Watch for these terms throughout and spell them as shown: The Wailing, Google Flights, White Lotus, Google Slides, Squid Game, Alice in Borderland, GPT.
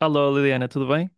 Alô Liliana, tudo bem?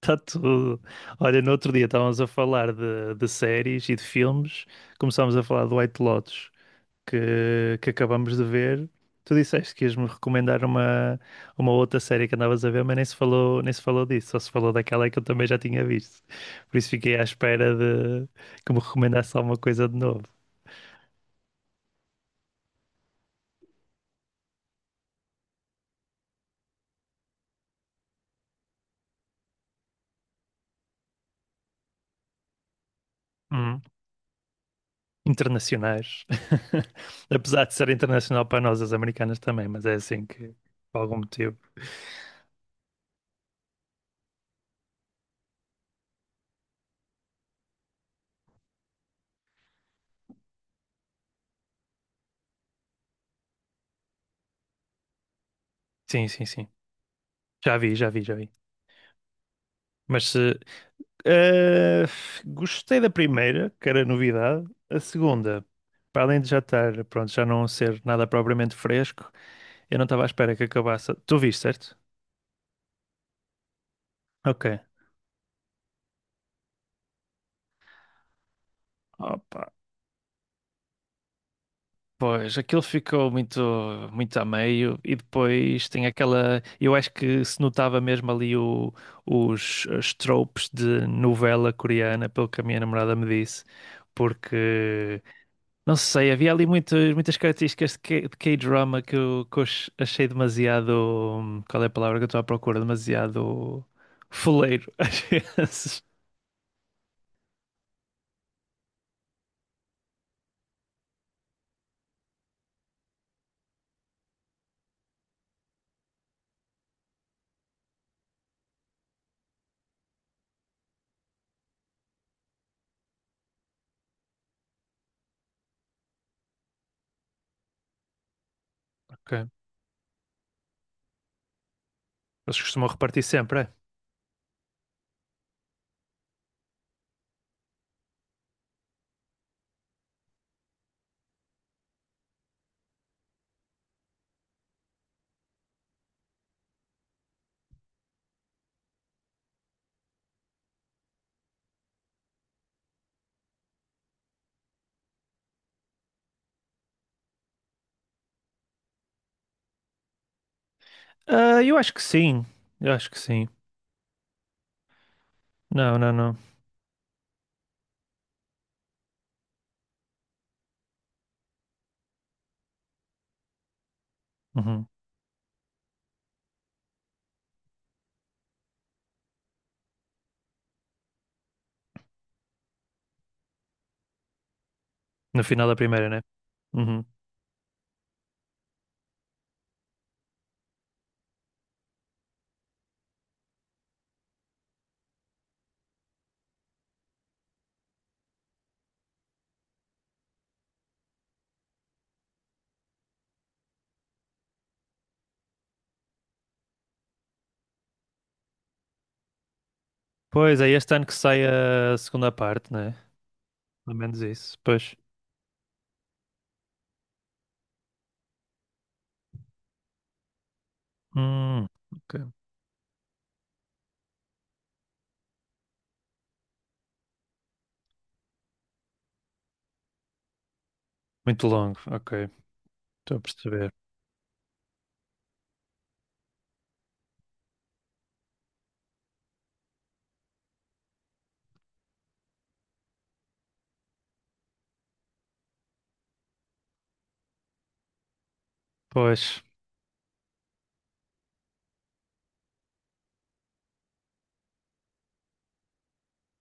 Está tudo. Olha, no outro dia estávamos a falar de séries e de filmes, começámos a falar do White Lotus que acabamos de ver. Tu disseste que ias-me recomendar uma outra série que andavas a ver, mas nem se falou disso, só se falou daquela que eu também já tinha visto. Por isso fiquei à espera de que me recomendasse alguma coisa de novo. Hum, Internacionais. Apesar de ser internacional para nós, as americanas também, mas é assim que, por algum motivo. Sim, sim, sim. Já vi, já vi, já vi. Mas se. Eh, Gostei da primeira, que era novidade. A segunda, para além de já estar, pronto, já não ser nada propriamente fresco, eu não estava à espera que acabasse. Tu viste, certo? Ok. Opa, pois, aquilo ficou muito, muito a meio e depois tem aquela, eu acho que se notava mesmo ali os tropes de novela coreana, pelo que a minha namorada me disse. Porque Não sei, havia ali muitas muitas características de K-drama que eu achei demasiado. Qual é a palavra que eu estou à procura? Demasiado foleiro, às vezes. Ok. Eles costumam repartir sempre, é? Ah, eu acho que sim, eu acho que sim. Não, não, não. Uhum. No final da primeira, né? Uhum. Pois é, este ano que sai a segunda parte, né? Pelo menos isso. Pois. Hum, ok. Muito longo, ok. Estou a perceber. Pois,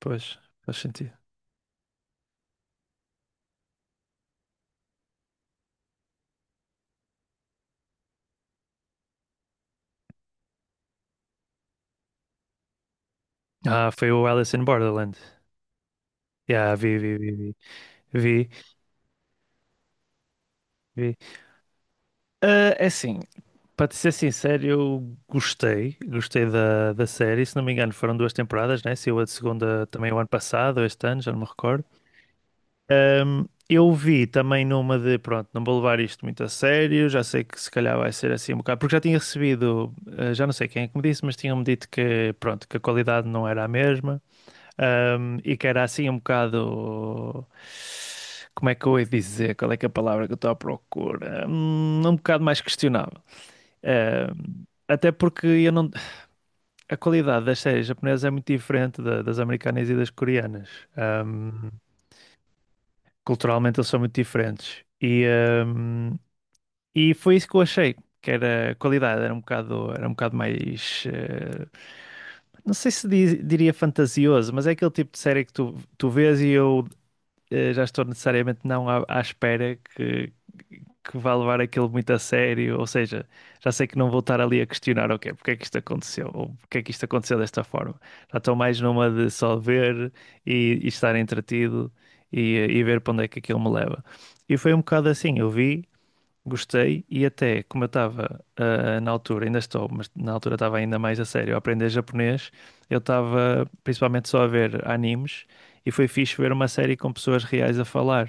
pois, faz sentido. Ah, foi o Alice in Borderland. Yeah, vi, vi, vi, vi, vi, vi. Ah, é assim, para te ser sincero, eu gostei, gostei da série. Se não me engano, foram duas temporadas, né? Saiu a segunda também o ano passado, ou este ano, já não me recordo. Eu vi também numa de, pronto, não vou levar isto muito a sério, já sei que se calhar vai ser assim um bocado, porque já tinha recebido, já não sei quem é que me disse, mas tinham-me dito que, pronto, que a qualidade não era a mesma. E que era assim um bocado. Como é que eu ia dizer? Qual é que é a palavra que eu estou à procura? Bocado mais questionável. Até porque eu não... A qualidade das séries japonesas é muito diferente das americanas e das coreanas. Um, culturalmente eles são muito diferentes. Um, e foi isso que eu achei, que era a qualidade, era um bocado mais. Não sei se diria fantasioso, mas é aquele tipo de série que tu vês e eu já estou necessariamente não à espera que vá levar aquilo muito a sério, ou seja, já sei que não vou estar ali a questionar, ok, porque é que isto aconteceu, ou porque é que isto aconteceu desta forma. Já estou mais numa de só ver e estar entretido e, e ver para onde é que aquilo me leva. E foi um bocado assim, eu vi. Gostei e até como eu estava na altura, ainda estou, mas na altura estava ainda mais a sério a aprender japonês, eu estava principalmente só a ver animes e foi fixe ver uma série com pessoas reais a falar.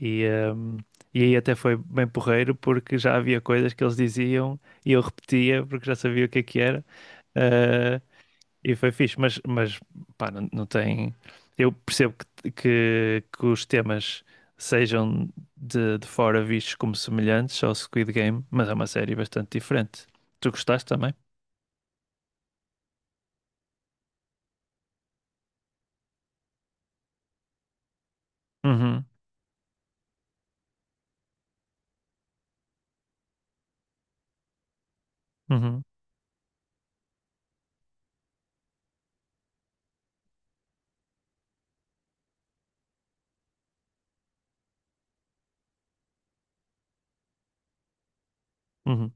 E, ahm, e aí até foi bem porreiro porque já havia coisas que eles diziam e eu repetia porque já sabia o que é que era. Eh, e foi fixe, mas, pá, não, não tem. Eu percebo que os temas sejam de fora vistos como semelhantes ao Squid Game, mas é uma série bastante diferente. Tu gostaste também? Uhum, uhum, uhum.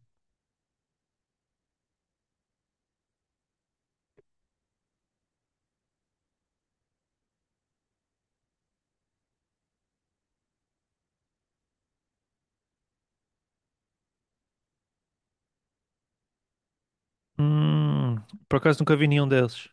Hum, por acaso nunca vi nenhum deles.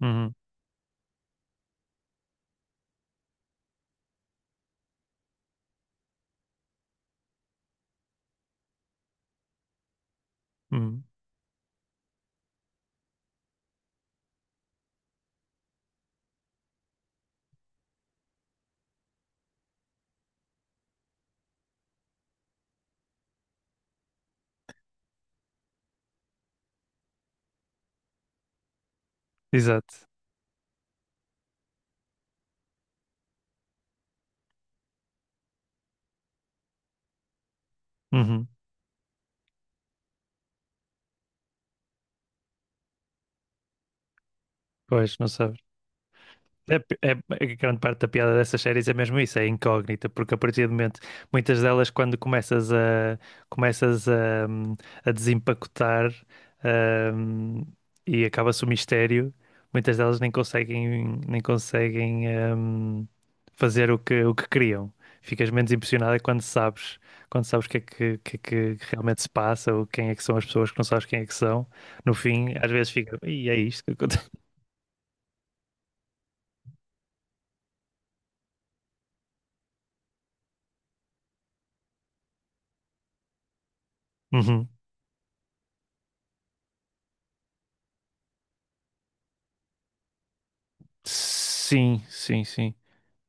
Uhum, uhum. Exato. Uhum. Pois, não sabes. É, é que grande parte da piada dessas séries é mesmo isso, é incógnita, porque a partir do momento, muitas delas, quando começas a desempacotar, hum, e acaba-se o mistério, muitas delas nem conseguem, hum, fazer o que queriam. Ficas menos impressionada quando sabes, o que é que realmente se passa, ou quem é que são as pessoas que não sabes quem é que são. No fim, às vezes fica, e é isto que acontece. Sim, sim, sim.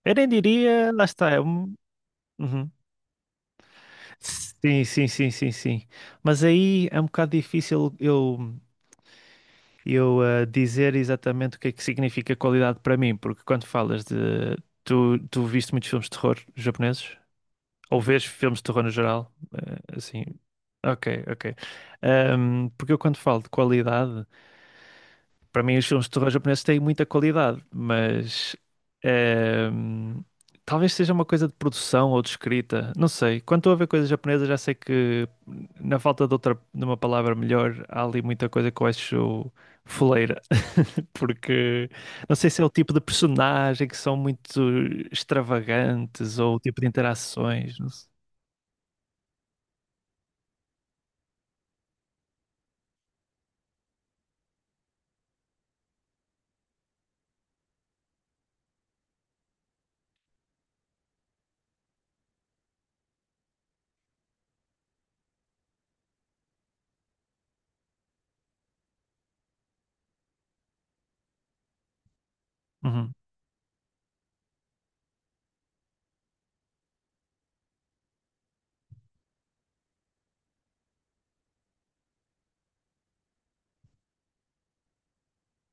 Eu nem diria, lá está. É um... Uhum. Sim, sim, sim, sim, sim. Mas aí é um bocado difícil eu dizer exatamente o que é que significa qualidade para mim, porque quando falas de. Tu viste muitos filmes de terror japoneses? Ou vês filmes de terror no geral? Assim. Ok, ok. Porque eu quando falo de qualidade. Para mim, os filmes de terror japoneses têm muita qualidade, mas ehm, talvez seja uma coisa de produção ou de escrita. Não sei. Quando estou a ver coisas japonesas, já sei que, na falta de outra, de uma palavra melhor, há ali muita coisa que eu acho foleira. Porque não sei se é o tipo de personagem que são muito extravagantes ou o tipo de interações. Não sei. Uhum,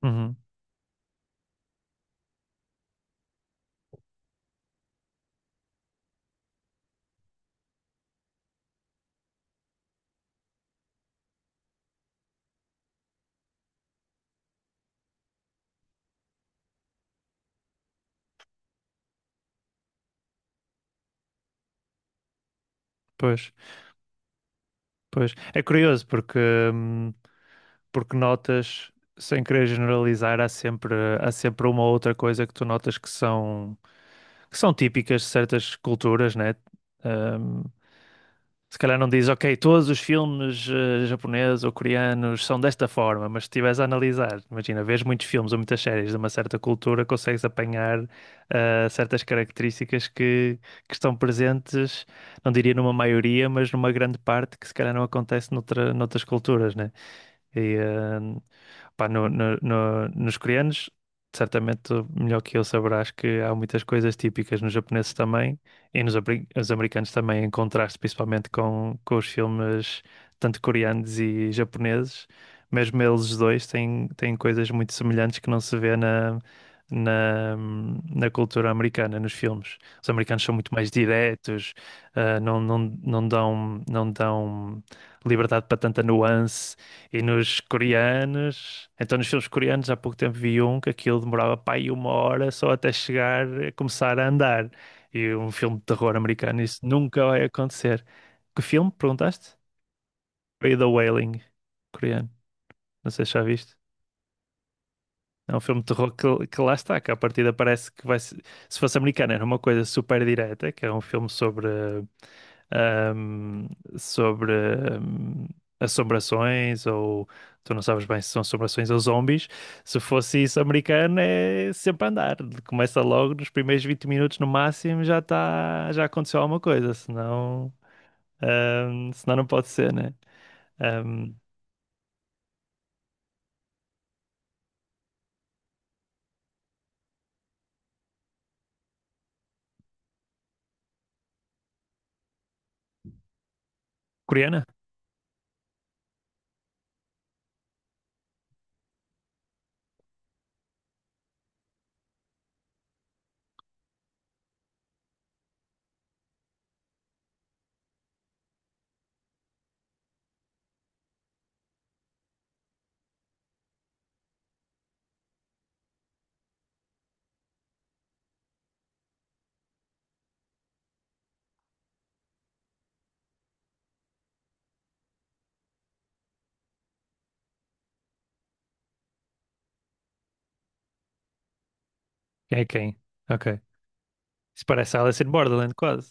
uhum, pois. Pois, é curioso hum, porque notas, sem querer generalizar, há sempre uma ou outra coisa que tu notas que são típicas de certas culturas, né? Hum, se calhar não diz, ok, todos os filmes japoneses ou coreanos são desta forma, mas se estiveres a analisar, imagina, vês muitos filmes ou muitas séries de uma certa cultura, consegues apanhar certas características que estão presentes não diria numa maioria, mas numa grande parte que se calhar não acontece noutras culturas, né? E, pá, nos coreanos, certamente tu melhor que eu saberás que há muitas coisas típicas nos japoneses também e os americanos também, em contraste principalmente com os filmes tanto coreanos e japoneses. Mesmo eles os dois têm coisas muito semelhantes que não se vê na, na cultura americana, nos filmes. Os americanos são muito mais diretos, não, não, não dão liberdade para tanta nuance. E nos coreanos, então nos filmes coreanos, há pouco tempo vi um que aquilo demorava pá aí uma hora só até chegar a começar a andar. E um filme de terror americano, isso nunca vai acontecer. Que filme, perguntaste? Foi The Wailing, coreano. Não sei se já viste. É um filme de terror que lá está, que à partida parece que vai ser. Se fosse americano, era uma coisa super direta, que é um filme sobre, ahm, sobre ahm, assombrações, ou tu não sabes bem se são assombrações ou zombies. Se fosse isso americano, é sempre a andar. Começa logo nos primeiros 20 minutos no máximo, já está, já aconteceu alguma coisa, senão não pode ser, né? Ahm, coreana? Quem é quem? Ok. Isso parece Alice in Borderland, quase.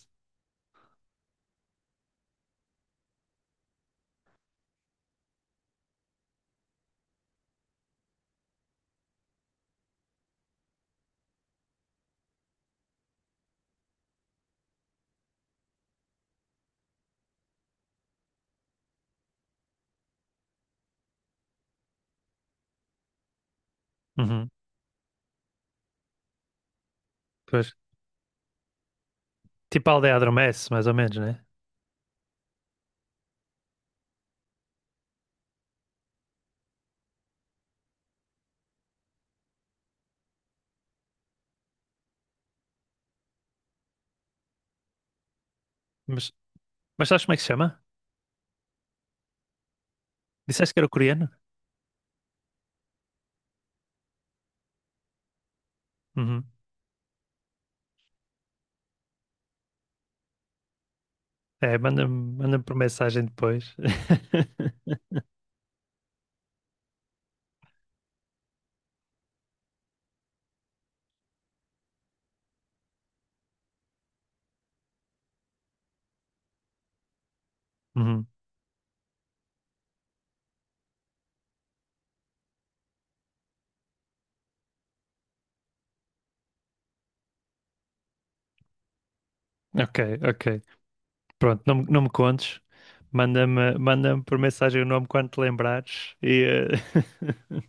Uhum. Pois. Tipo a aldeia adormece, mais ou menos, né? Mas, mas sabes como é que se chama? Disseste que era coreano? Uhum. É, manda por mensagem depois. Uhum. Ok, ok. Pronto, não, não me contes. Manda-me por mensagem o nome quando te lembrares.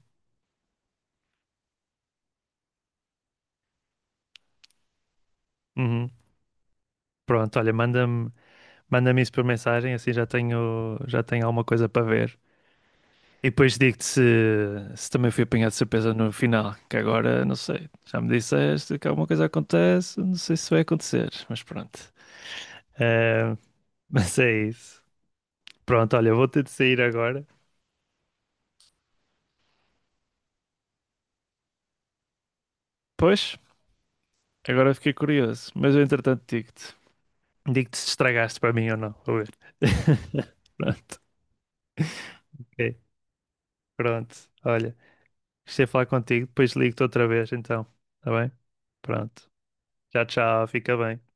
Uhum. Pronto, olha, manda-me isso por mensagem, assim já tenho alguma coisa para ver. E depois digo-te se também fui apanhado de surpresa no final, que agora não sei. Já me disseste que alguma coisa acontece, não sei se vai acontecer, mas pronto. Eh, mas é isso. Pronto, olha, vou ter de sair agora. Pois, agora fiquei curioso, mas eu entretanto digo-te. Digo-te se estragaste para mim ou não, vou ver. Pronto, ok, pronto. Olha, gostei de falar contigo, depois ligo-te outra vez então, tá bem? Pronto. Tchau, tchau, fica bem.